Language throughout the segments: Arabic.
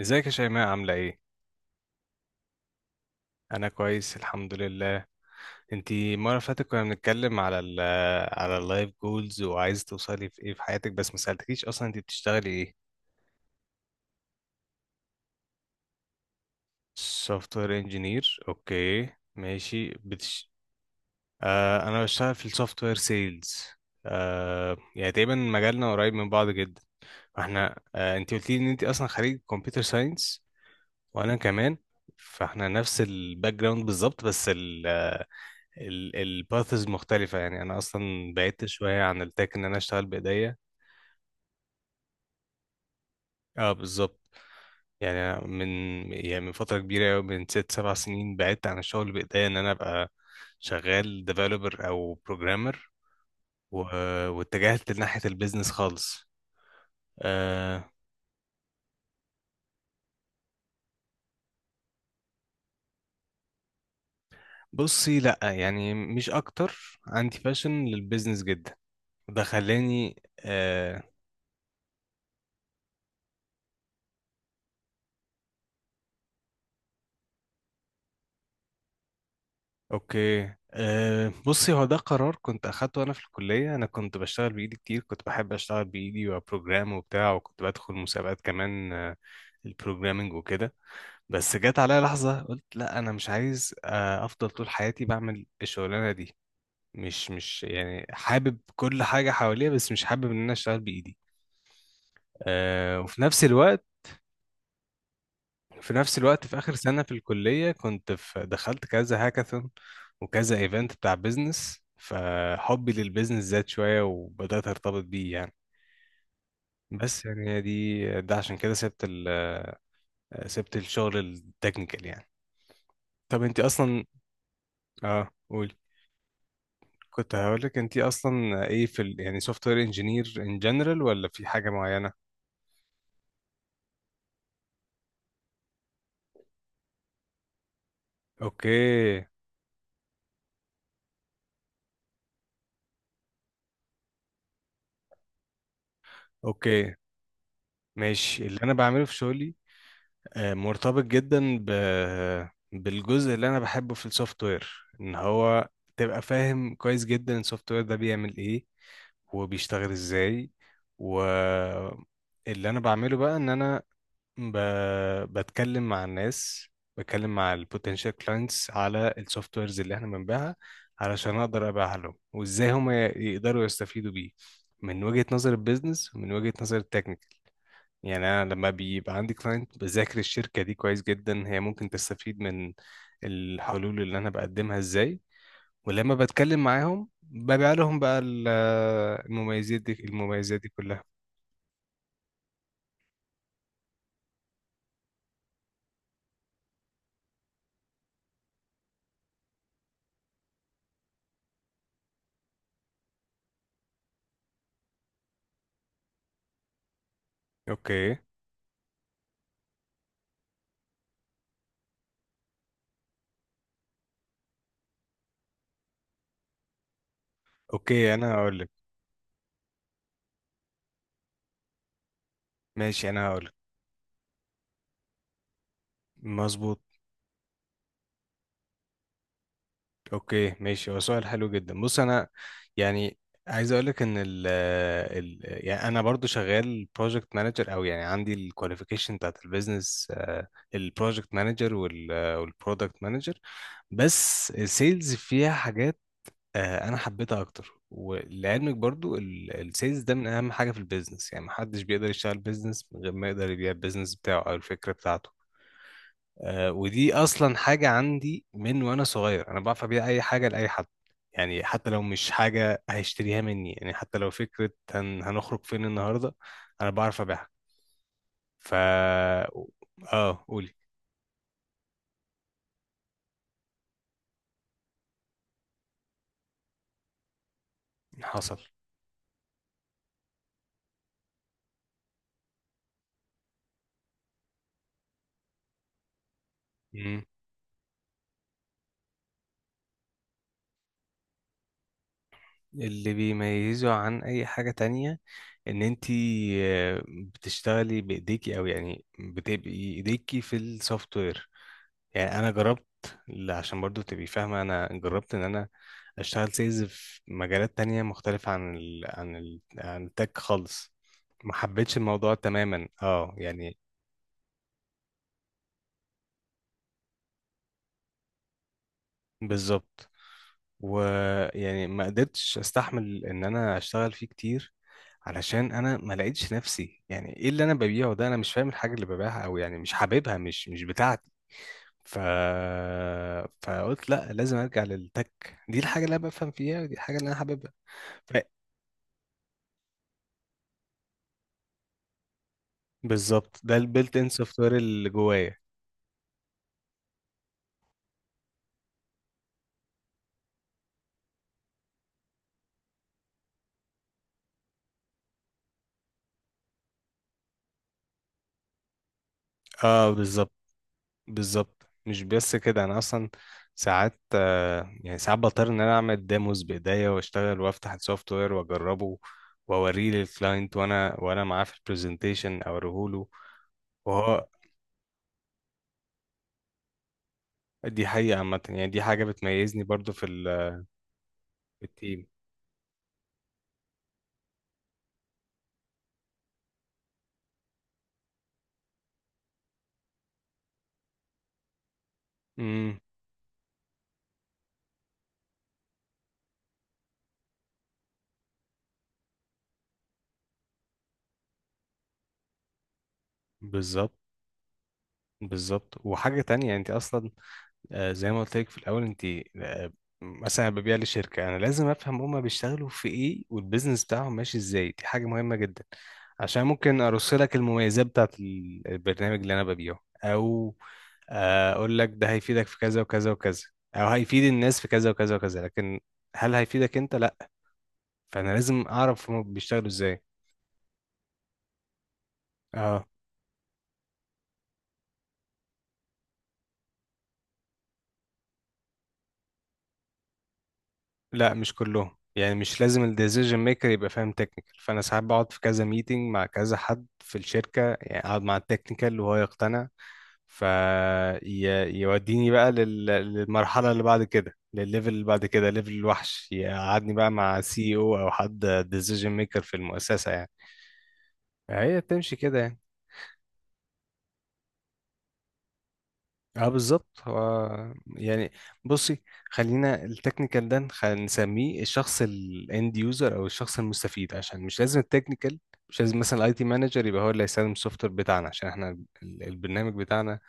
ازيك يا شيماء عاملة ايه؟ أنا كويس الحمد لله. انتي المرة اللي فاتت كنا بنتكلم على ال على اللايف جولز وعايزة توصلي في ايه في حياتك، بس ما سألتكيش، أصلا انتي بتشتغلي ايه؟ سوفت وير انجينير، اوكي. ماشي آه، أنا بشتغل في السوفت وير سيلز. يعني تقريبا مجالنا قريب من بعض جدا. فاحنا انتي قلتي ان انتي أصلا خريج كمبيوتر ساينس، وأنا كمان. فاحنا نفس الباك جراوند بالظبط، بس الباثز مختلفة. يعني أنا أصلا بعدت شوية عن التك، إن أنا أشتغل بإيديا. أه بالظبط. يعني أنا من يعني من فترة كبيرة أوي، من ست سبع سنين بعدت عن الشغل بإيديا، إن أنا أبقى شغال ديفلوبر أو بروجرامر و... واتجهت لناحية البيزنس خالص. أه. بصي، لأ يعني مش أكتر، عندي باشن للبيزنس جدا، ده خلاني اوكي. أه، بصي، هو ده قرار كنت اخدته انا في الكليه. انا كنت بشتغل بايدي كتير، كنت بحب اشتغل بايدي وبروجرام وبتاع، وكنت بدخل مسابقات كمان، البروجرامينج وكده. بس جت عليا لحظه قلت لا، انا مش عايز افضل طول حياتي بعمل الشغلانه دي. مش يعني حابب كل حاجه حواليا، بس مش حابب ان انا اشتغل بايدي. أه، وفي نفس الوقت في نفس الوقت في آخر سنة في الكلية كنت في دخلت كذا هاكاثون وكذا ايفنت بتاع بيزنس، فحبي للبيزنس زاد شوية وبدأت أرتبط بيه يعني. بس يعني هي دي، ده عشان كده سبت سبت الشغل التكنيكال يعني. طب انت أصلا، اه قولي، كنت هقولك انت أصلا ايه في يعني سوفت وير انجينير ان جنرال ولا في حاجة معينة؟ اوكي. اوكي ماشي، اللي انا بعمله في شغلي مرتبط جدا بالجزء اللي انا بحبه في السوفت وير، ان هو تبقى فاهم كويس جدا السوفت وير ده بيعمل ايه وبيشتغل ازاي. و اللي انا بعمله بقى ان انا ب... بتكلم مع الناس، بتكلم مع البوتنشال كلاينتس على السوفت ويرز اللي احنا بنبيعها، علشان اقدر ابيعها لهم وازاي هم يقدروا يستفيدوا بيه، من وجهة نظر البيزنس ومن وجهة نظر التكنيكال. يعني انا لما بيبقى عندي كلاينت بذاكر الشركه دي كويس جدا، هي ممكن تستفيد من الحلول اللي انا بقدمها ازاي، ولما بتكلم معاهم ببيع لهم بقى المميزات دي كلها. اوكي. اوكي انا هقول لك، ماشي انا هقول لك. مظبوط. اوكي ماشي، هو سؤال حلو جدا. بص انا يعني عايز اقول لك ان ال ال يعني انا برضو شغال بروجكت مانجر، او يعني عندي الكواليفيكيشن بتاعت البيزنس، البروجكت مانجر والبرودكت مانجر، بس السيلز فيها حاجات، انا حبيتها اكتر. ولعلمك برضو السيلز ده من اهم حاجه في البيزنس، يعني محدش بيقدر يشتغل بيزنس من غير ما يقدر يبيع البيزنس بتاعه او الفكره بتاعته. ودي اصلا حاجه عندي من وانا صغير، انا بعرف ابيع اي حاجه لاي حد. يعني حتى لو مش حاجه هيشتريها مني، يعني حتى لو فكره هنخرج فين النهارده انا بعرف ابيعها. ف اه قولي. حصل. مم. اللي بيميزه عن اي حاجه تانية ان انتي بتشتغلي بايديكي، او يعني بتبقي ايديكي في السوفت وير. يعني انا جربت، عشان برضو تبقي فاهمه، انا جربت ان انا اشتغل سيلز في مجالات تانية مختلفه عن التك خالص. ما حبيتش الموضوع تماما، اه يعني. بالظبط. ويعني ما قدرتش استحمل ان انا اشتغل فيه كتير، علشان انا ما لقيتش نفسي يعني ايه اللي انا ببيعه ده، انا مش فاهم الحاجه اللي ببيعها، او يعني مش حاببها، مش بتاعتي. ف... فقلت لا، لازم ارجع للتك، دي الحاجه اللي انا بفهم فيها ودي الحاجه اللي انا حاببها. بالظبط، ده البيلت ان سوفت وير اللي جوايا. اه بالظبط. بالظبط، مش بس كده، انا اصلا ساعات يعني ساعات بضطر ان انا اعمل ديموز بايديا، واشتغل وافتح السوفت وير واجربه واوريه للكلاينت، وانا معاه في البرزنتيشن اوريه له وهو. دي حقيقة عامة، يعني دي حاجة بتميزني برضو في في التيم. امم. بالظبط. بالظبط، وحاجة تانية، انت اصلا زي ما قلت لك في الاول انت، آه، مثلا ببيع لشركه، انا لازم افهم هما بيشتغلوا في ايه والبيزنس بتاعهم ماشي ازاي، دي حاجه مهمه جدا، عشان ممكن ارص لك المميزات بتاعت البرنامج اللي انا ببيعه، او اقول لك ده هيفيدك في كذا وكذا وكذا، او هيفيد الناس في كذا وكذا وكذا، لكن هل هيفيدك انت؟ لا. فانا لازم اعرف هما بيشتغلوا ازاي. اه لا مش كلهم، يعني مش لازم الديسيجن ميكر يبقى فاهم تكنيكال. فانا ساعات بقعد في كذا ميتنج مع كذا حد في الشركه، يعني اقعد مع التكنيكال وهو يقتنع فيوديني بقى للمرحله اللي بعد كده، للليفل اللي بعد كده، ليفل الوحش يقعدني بقى مع سي او او حد ديسيجن ميكر في المؤسسه يعني. هي بتمشي كده يعني. اه بالظبط، هو يعني بصي، خلينا التكنيكال ده نسميه الشخص الاند يوزر او الشخص المستفيد، عشان مش لازم التكنيكال، مش لازم مثلا الاي تي مانجر يبقى هو اللي هيستخدم السوفت وير بتاعنا، عشان احنا البرنامج بتاعنا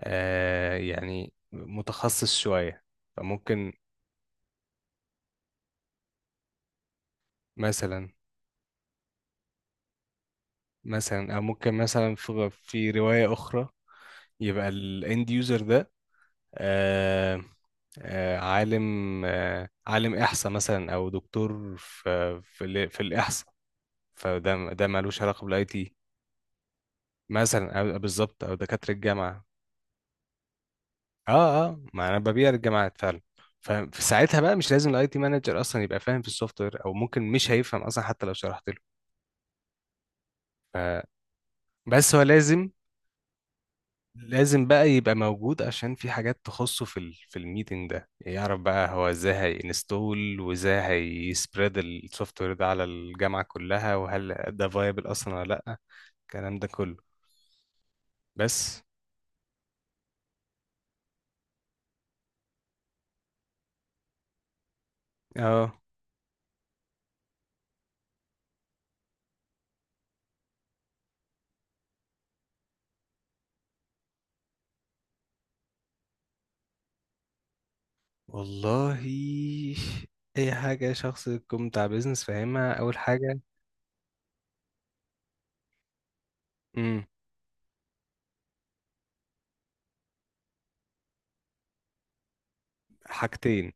آه يعني متخصص شوية. فممكن مثلا. مثلا او ممكن مثلا في رواية اخرى يبقى الاند يوزر ده آه، عالم، عالم إحصاء مثلا، أو دكتور في الإحصاء، فده ده مالوش علاقة بالاي تي. مثلا أو بالظبط، أو دكاترة الجامعة. اه اه، ما أنا ببيع للجامعات فعلا. ففي ساعتها بقى مش لازم الاي تي مانجر اصلا يبقى فاهم في السوفت وير، او ممكن مش هيفهم اصلا حتى لو شرحت له. ف- بس هو لازم، لازم بقى يبقى موجود، عشان في حاجات تخصه في ال في الميتنج ده، يعرف بقى هو ازاي هينستول وازاي هيسبريد السوفت وير ده على الجامعة كلها، وهل ده فايبل اصلا ولا لا، الكلام ده كله. بس اه والله، اي حاجة شخص يكون بتاع بيزنس فاهمها، اول حاجة. امم. حاجتين.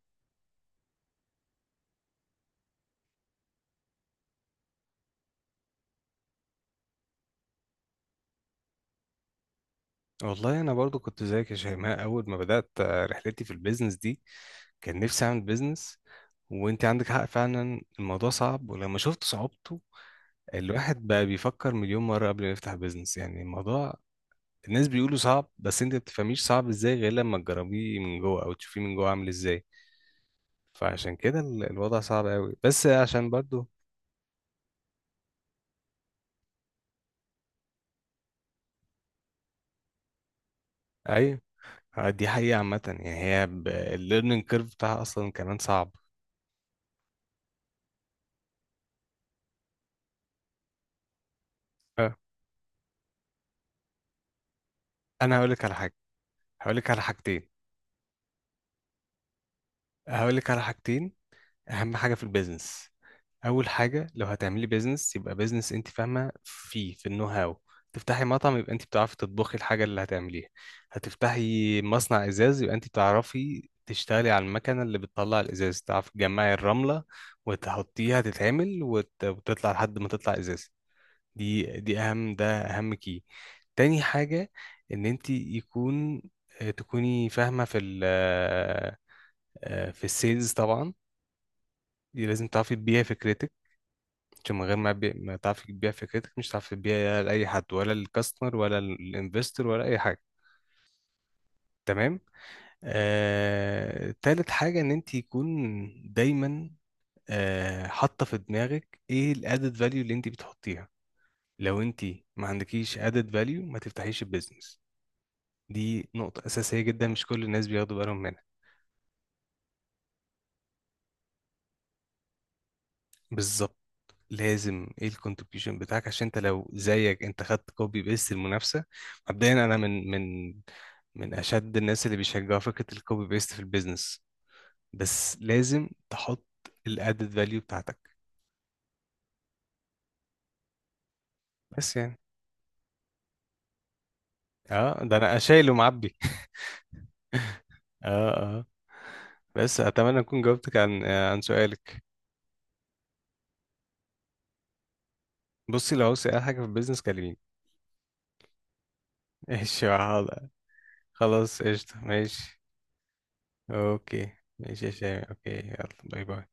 والله انا برضو كنت زيك يا شيماء، اول ما بدات رحلتي في البيزنس دي كان نفسي اعمل بيزنس. وانت عندك حق فعلا الموضوع صعب. ولما شفت صعوبته، الواحد بقى بيفكر مليون مره قبل ما يفتح بيزنس، يعني الموضوع. الناس بيقولوا صعب، بس انت ما بتفهميش صعب ازاي غير لما تجربيه من جوه او تشوفيه من جوه عامل ازاي. فعشان كده الوضع صعب قوي، بس عشان برضو. ايوه دي حقيقه عامه، يعني هي الليرنينج كيرف بتاعها اصلا كمان صعب. آه، انا هقول لك على حاجه، هقول لك على حاجتين، هقول لك على حاجتين. اهم حاجه في البيزنس، اول حاجه لو هتعملي بيزنس يبقى بيزنس انت فاهمه فيه، في النو هاو. تفتحي مطعم يبقى انت بتعرفي تطبخي الحاجه اللي هتعمليها، هتفتحي مصنع ازاز يبقى انت بتعرفي تشتغلي على المكنه اللي بتطلع الازاز، تعرفي تجمعي الرمله وتحطيها تتعمل وتطلع لحد ما تطلع ازاز. دي اهم كي. تاني حاجه، ان انت يكون، تكوني فاهمه في ال في السيلز طبعا، دي لازم تعرفي تبيعي فكرتك. عشان من غير ما تعرفي تبيعي فكرتك مش هتعرفي تبيعي لأي حد، ولا للكاستمر ولا للانفستور ولا أي حاجة. تمام. تالت حاجة، إن أنت يكون دايما حاطة في دماغك إيه الأدد فاليو اللي أنت بتحطيها. لو أنت ما عندكيش أدد فاليو ما تفتحيش البيزنس. دي نقطة أساسية جدا مش كل الناس بياخدوا بالهم منها. بالظبط. لازم ايه الكونتريبيوشن بتاعك، عشان انت لو زيك انت خدت كوبي بيست المنافسه. مبدئيا انا من اشد الناس اللي بيشجعوا فكره الكوبي بيست في البيزنس، بس لازم تحط الادد فاليو بتاعتك. بس يعني، اه ده انا شايل ومعبي. اه اه، بس اتمنى اكون جاوبتك عن عن سؤالك. بصي لو عاوز اي حاجه في البيزنس كلميني. ماشي يا حاضر. خلاص قشطه ماشي. اوكي. ماشي يا شيماء، اوكي يلا باي باي.